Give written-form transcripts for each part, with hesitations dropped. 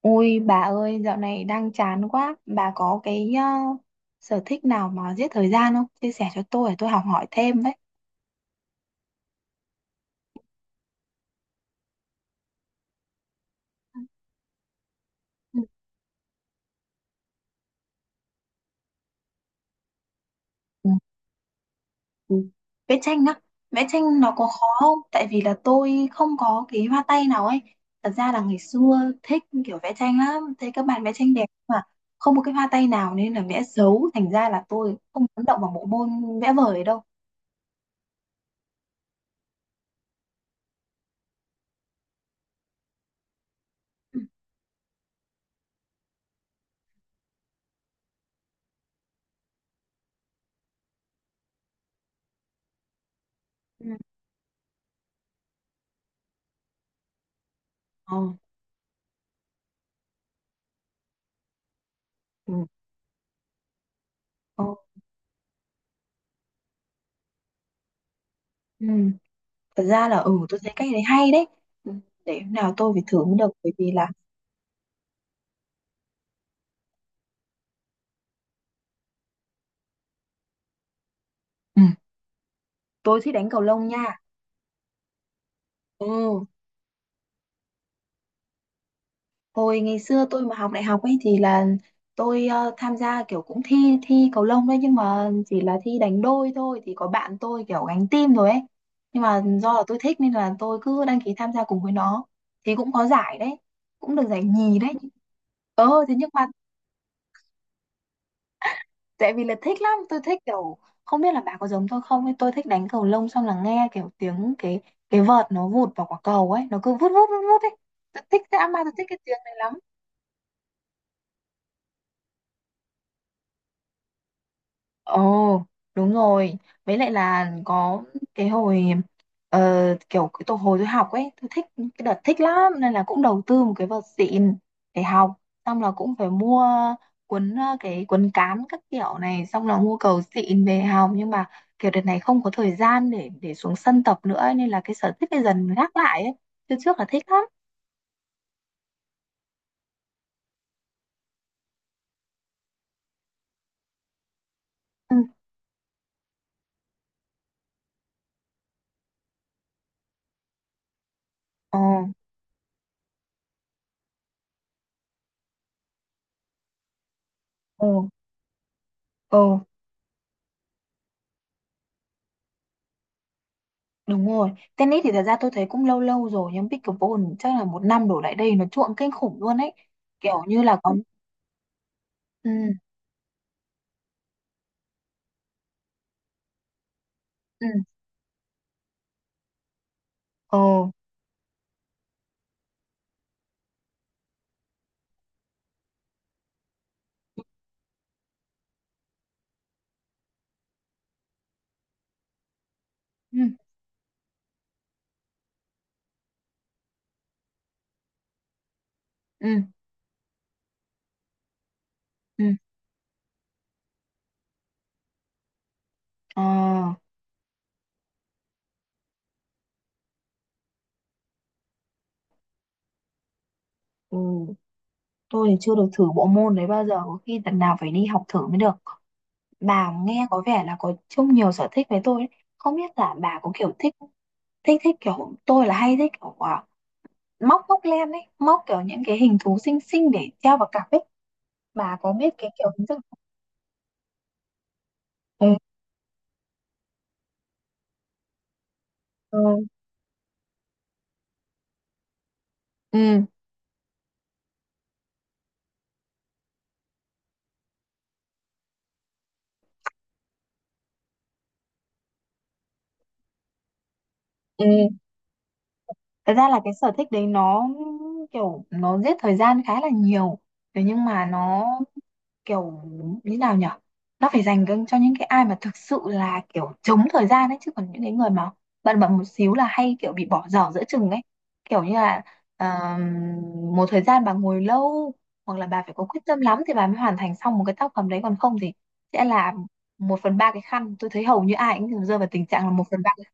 Ôi bà ơi, dạo này đang chán quá. Bà có cái sở thích nào mà giết thời gian không? Chia sẻ cho tôi để tôi học hỏi thêm đấy. Ừ. Ừ. Ừ. Vẽ tranh á, vẽ tranh nó có khó không? Tại vì là tôi không có cái hoa tay nào ấy. Thật ra là ngày xưa thích kiểu vẽ tranh lắm, thấy các bạn vẽ tranh đẹp mà không có cái hoa tay nào nên là vẽ xấu. Thành ra là tôi không dám động vào bộ môn vẽ vời đâu. Ừ. Ừ. Ờ. Ừ. Ờ. Ừ. Thật ra là tôi thấy cách đấy hay đấy. Ừ, để hôm nào tôi phải thử mới được bởi vì là... Ừ, tôi thích đánh cầu lông nha. Ừ, hồi ngày xưa tôi mà học đại học ấy thì là tôi tham gia kiểu cũng thi thi cầu lông đấy, nhưng mà chỉ là thi đánh đôi thôi thì có bạn tôi kiểu gánh team rồi ấy, nhưng mà do là tôi thích nên là tôi cứ đăng ký tham gia cùng với nó. Thì cũng có giải đấy, cũng được giải nhì đấy. Ờ, thế nhưng mà, tại vì là thích lắm, tôi thích kiểu không biết là bà có giống tôi không, nhưng tôi thích đánh cầu lông xong là nghe kiểu tiếng cái vợt nó vụt vào quả cầu ấy, nó cứ vút vút vút vút ấy. Tôi thích dã man, tôi thích cái tiếng này lắm. Ồ, đúng rồi. Với lại là có cái hồi ờ, kiểu cái tổ hồi tôi học ấy, tôi thích cái đợt thích lắm nên là cũng đầu tư một cái vợt xịn để học, xong là cũng phải mua cái cuốn cán các kiểu này, xong là mua cầu xịn về học, nhưng mà kiểu đợt này không có thời gian để xuống sân tập nữa ấy, nên là cái sở thích này dần gác lại ấy. Trước trước là thích lắm. Ừ. Ồ. Ồ. Ồ. Đúng rồi, tennis thì thật ra tôi thấy cũng lâu lâu rồi, nhưng pickleball chắc là một năm đổ lại đây nó chuộng kinh khủng luôn ấy. Kiểu như là có. Ừ. Ừ. Ờ. Ừ. Ừ. Ừ. Ờ. Ừ. Tôi thì chưa được thử bộ môn đấy bao giờ, có khi lần nào phải đi học thử mới được. Bà nghe có vẻ là có chung nhiều sở thích với tôi ấy. Không biết là bà có kiểu thích thích thích kiểu tôi là hay thích kiểu móc móc len ấy, móc kiểu những cái hình thú xinh xinh để treo vào cặp ấy. Bà có biết cái kiểu hình thức. Ừ. Ừ. Ừ. Ừ, thật ra là cái sở thích đấy nó kiểu nó giết thời gian khá là nhiều. Thế nhưng mà nó kiểu như nào nhở, nó phải dành cho những cái ai mà thực sự là kiểu chống thời gian ấy, chứ còn những cái người mà bận bận một xíu là hay kiểu bị bỏ dở giữa chừng ấy, kiểu như là ờ, một thời gian bà ngồi lâu, hoặc là bà phải có quyết tâm lắm thì bà mới hoàn thành xong một cái tác phẩm đấy, còn không thì sẽ là một phần ba cái khăn. Tôi thấy hầu như ai cũng rơi vào tình trạng là một phần ba cái...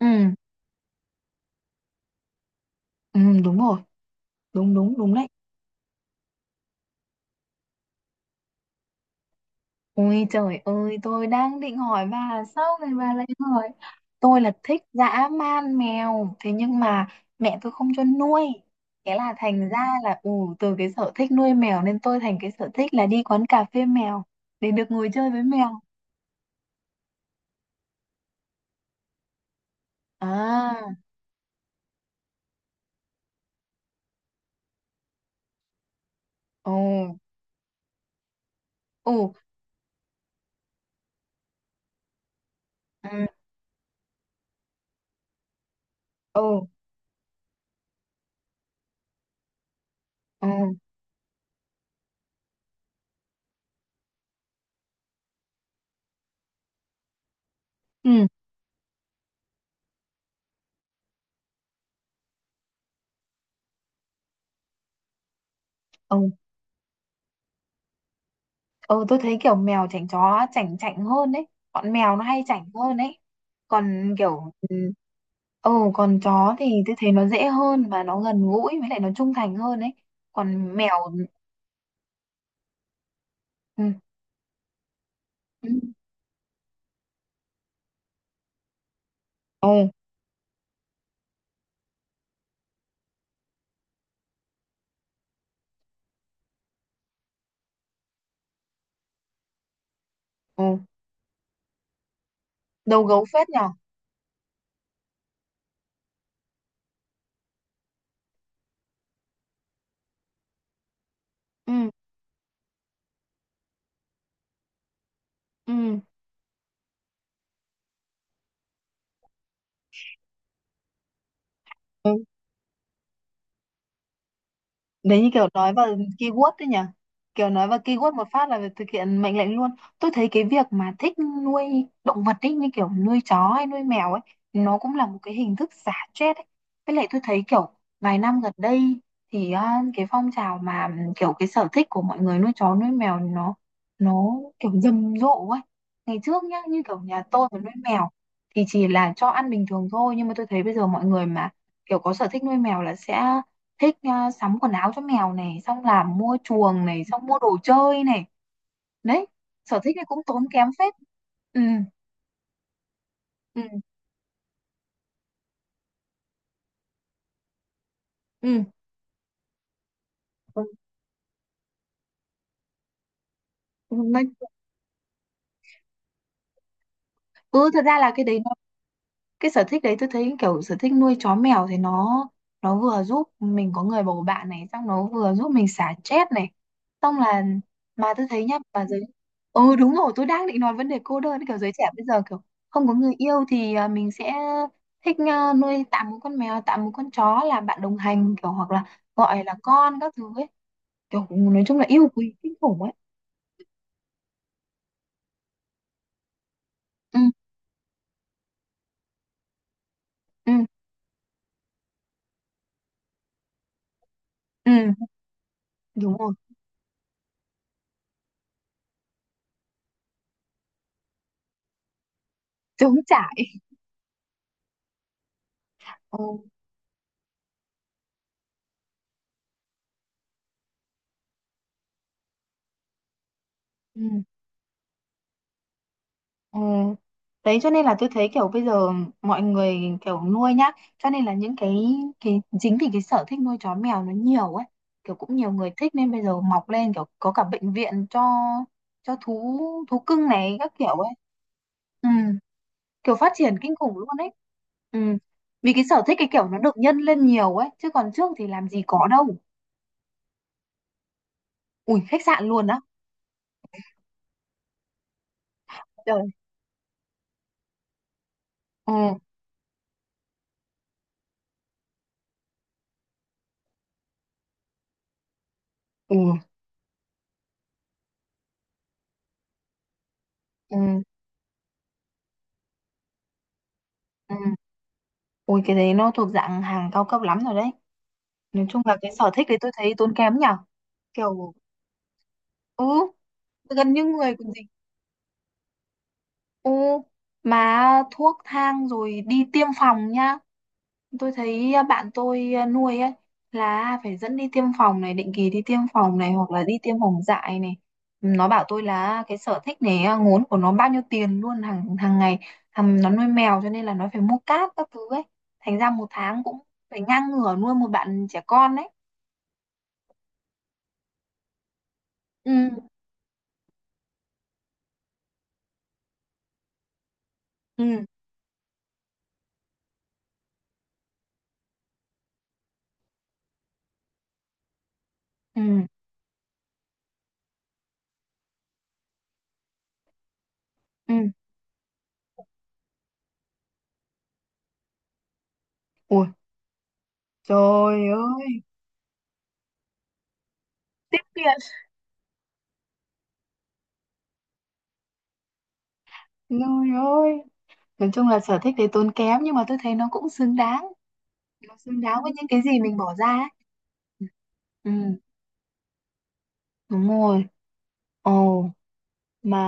Ừ. Ừ đúng rồi, đúng đúng đúng đấy. Ôi trời ơi, tôi đang định hỏi bà là sao này bà lại hỏi. Tôi là thích dã man mèo, thế nhưng mà mẹ tôi không cho nuôi. Thế là thành ra là từ cái sở thích nuôi mèo nên tôi thành cái sở thích là đi quán cà phê mèo để được ngồi chơi với mèo. À. Ồ. Ồ. Ừ. Ồ. Ừ. Ừ. Ừ. Ừ, tôi thấy kiểu mèo chảnh, chó chảnh chảnh hơn đấy. Bọn mèo nó hay chảnh hơn đấy. Còn kiểu, ừ, ừ, còn chó thì tôi thấy nó dễ hơn và nó gần gũi, với lại nó trung thành hơn đấy. Còn mèo. Ừ. Ừ. Ừ. Ừ. Đầu gấu phết nhở? Ừ. Ừ. Đấy, như kiểu nói vào keyword đấy nhỉ? Kiểu nói vào keyword một phát là thực hiện mệnh lệnh luôn. Tôi thấy cái việc mà thích nuôi động vật ấy, như kiểu nuôi chó hay nuôi mèo ấy, nó cũng là một cái hình thức xả stress ấy. Với lại tôi thấy kiểu vài năm gần đây thì cái phong trào mà, ừ, kiểu cái sở thích của mọi người nuôi chó nuôi mèo nó kiểu rầm rộ ấy. Ngày trước nhá, như kiểu nhà tôi mà nuôi mèo thì chỉ là cho ăn bình thường thôi, nhưng mà tôi thấy bây giờ mọi người mà kiểu có sở thích nuôi mèo là sẽ thích sắm quần áo cho mèo này, xong làm mua chuồng này, xong mua đồ chơi này. Đấy, sở thích này cũng tốn kém phết. Ừ. Ừ. Ừ. Ừ, nói ừ. Ừ, thật ra là cái đấy, cái sở thích đấy tôi thấy kiểu sở thích nuôi chó mèo thì nó vừa giúp mình có người bầu bạn này, xong nó vừa giúp mình xả stress này, xong là mà tôi thấy nhá, mà giới... Ừ đúng rồi, tôi đang định nói vấn đề cô đơn, kiểu giới trẻ bây giờ kiểu không có người yêu thì mình sẽ thích nuôi tạm một con mèo, tạm một con chó là bạn đồng hành, kiểu hoặc là gọi là con các thứ ấy, kiểu nói chung là yêu quý kinh khủng ấy. Ừ. Ừ. Ừ đúng rồi. Chống trải. Ừ. Ừ. Ừ. Đấy cho nên là tôi thấy kiểu bây giờ mọi người kiểu nuôi nhá, cho nên là những cái chính vì cái sở thích nuôi chó mèo nó nhiều ấy, kiểu cũng nhiều người thích nên bây giờ mọc lên kiểu có cả bệnh viện cho thú thú cưng này các kiểu ấy. Ừ. Kiểu phát triển kinh khủng luôn ấy. Ừ. Vì cái sở thích cái kiểu nó được nhân lên nhiều ấy, chứ còn trước thì làm gì có đâu. Ui, khách sạn luôn á? Trời. Ừ. Ừ. Ừ. Ừ. Ui, cái đấy nó thuộc dạng hàng cao cấp lắm rồi đấy. Nói chung là cái sở thích đấy tôi thấy tốn kém nhỉ. Kiểu, ừ, gần như người còn gì. Ừ, mà thuốc thang rồi đi tiêm phòng nhá. Tôi thấy bạn tôi nuôi ấy là phải dẫn đi tiêm phòng này, định kỳ đi tiêm phòng này hoặc là đi tiêm phòng dại này. Nó bảo tôi là cái sở thích này ngốn của nó bao nhiêu tiền luôn, hàng hàng ngày. Thằng nó nuôi mèo cho nên là nó phải mua cát các thứ ấy. Thành ra một tháng cũng phải ngang ngửa nuôi một bạn trẻ con đấy. Ừ. Ừ. Ừ. Ừ. Ui, trời ơi, tiếc tiền, trời ơi. Nói chung là sở thích đấy tốn kém, nhưng mà tôi thấy nó cũng xứng đáng. Nó xứng đáng với những cái gì mình bỏ ra ấy. Ừ, đúng rồi. Ồ, mà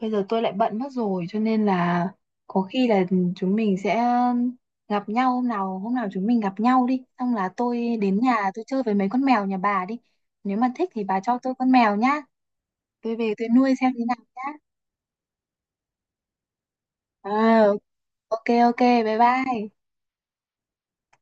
bây giờ tôi lại bận mất rồi cho nên là có khi là chúng mình sẽ gặp nhau hôm nào chúng mình gặp nhau đi. Xong là tôi đến nhà tôi chơi với mấy con mèo nhà bà đi. Nếu mà thích thì bà cho tôi con mèo nhá. Tôi về tôi nuôi xem thế nào nhá. Ờ, ok ok, bye bye.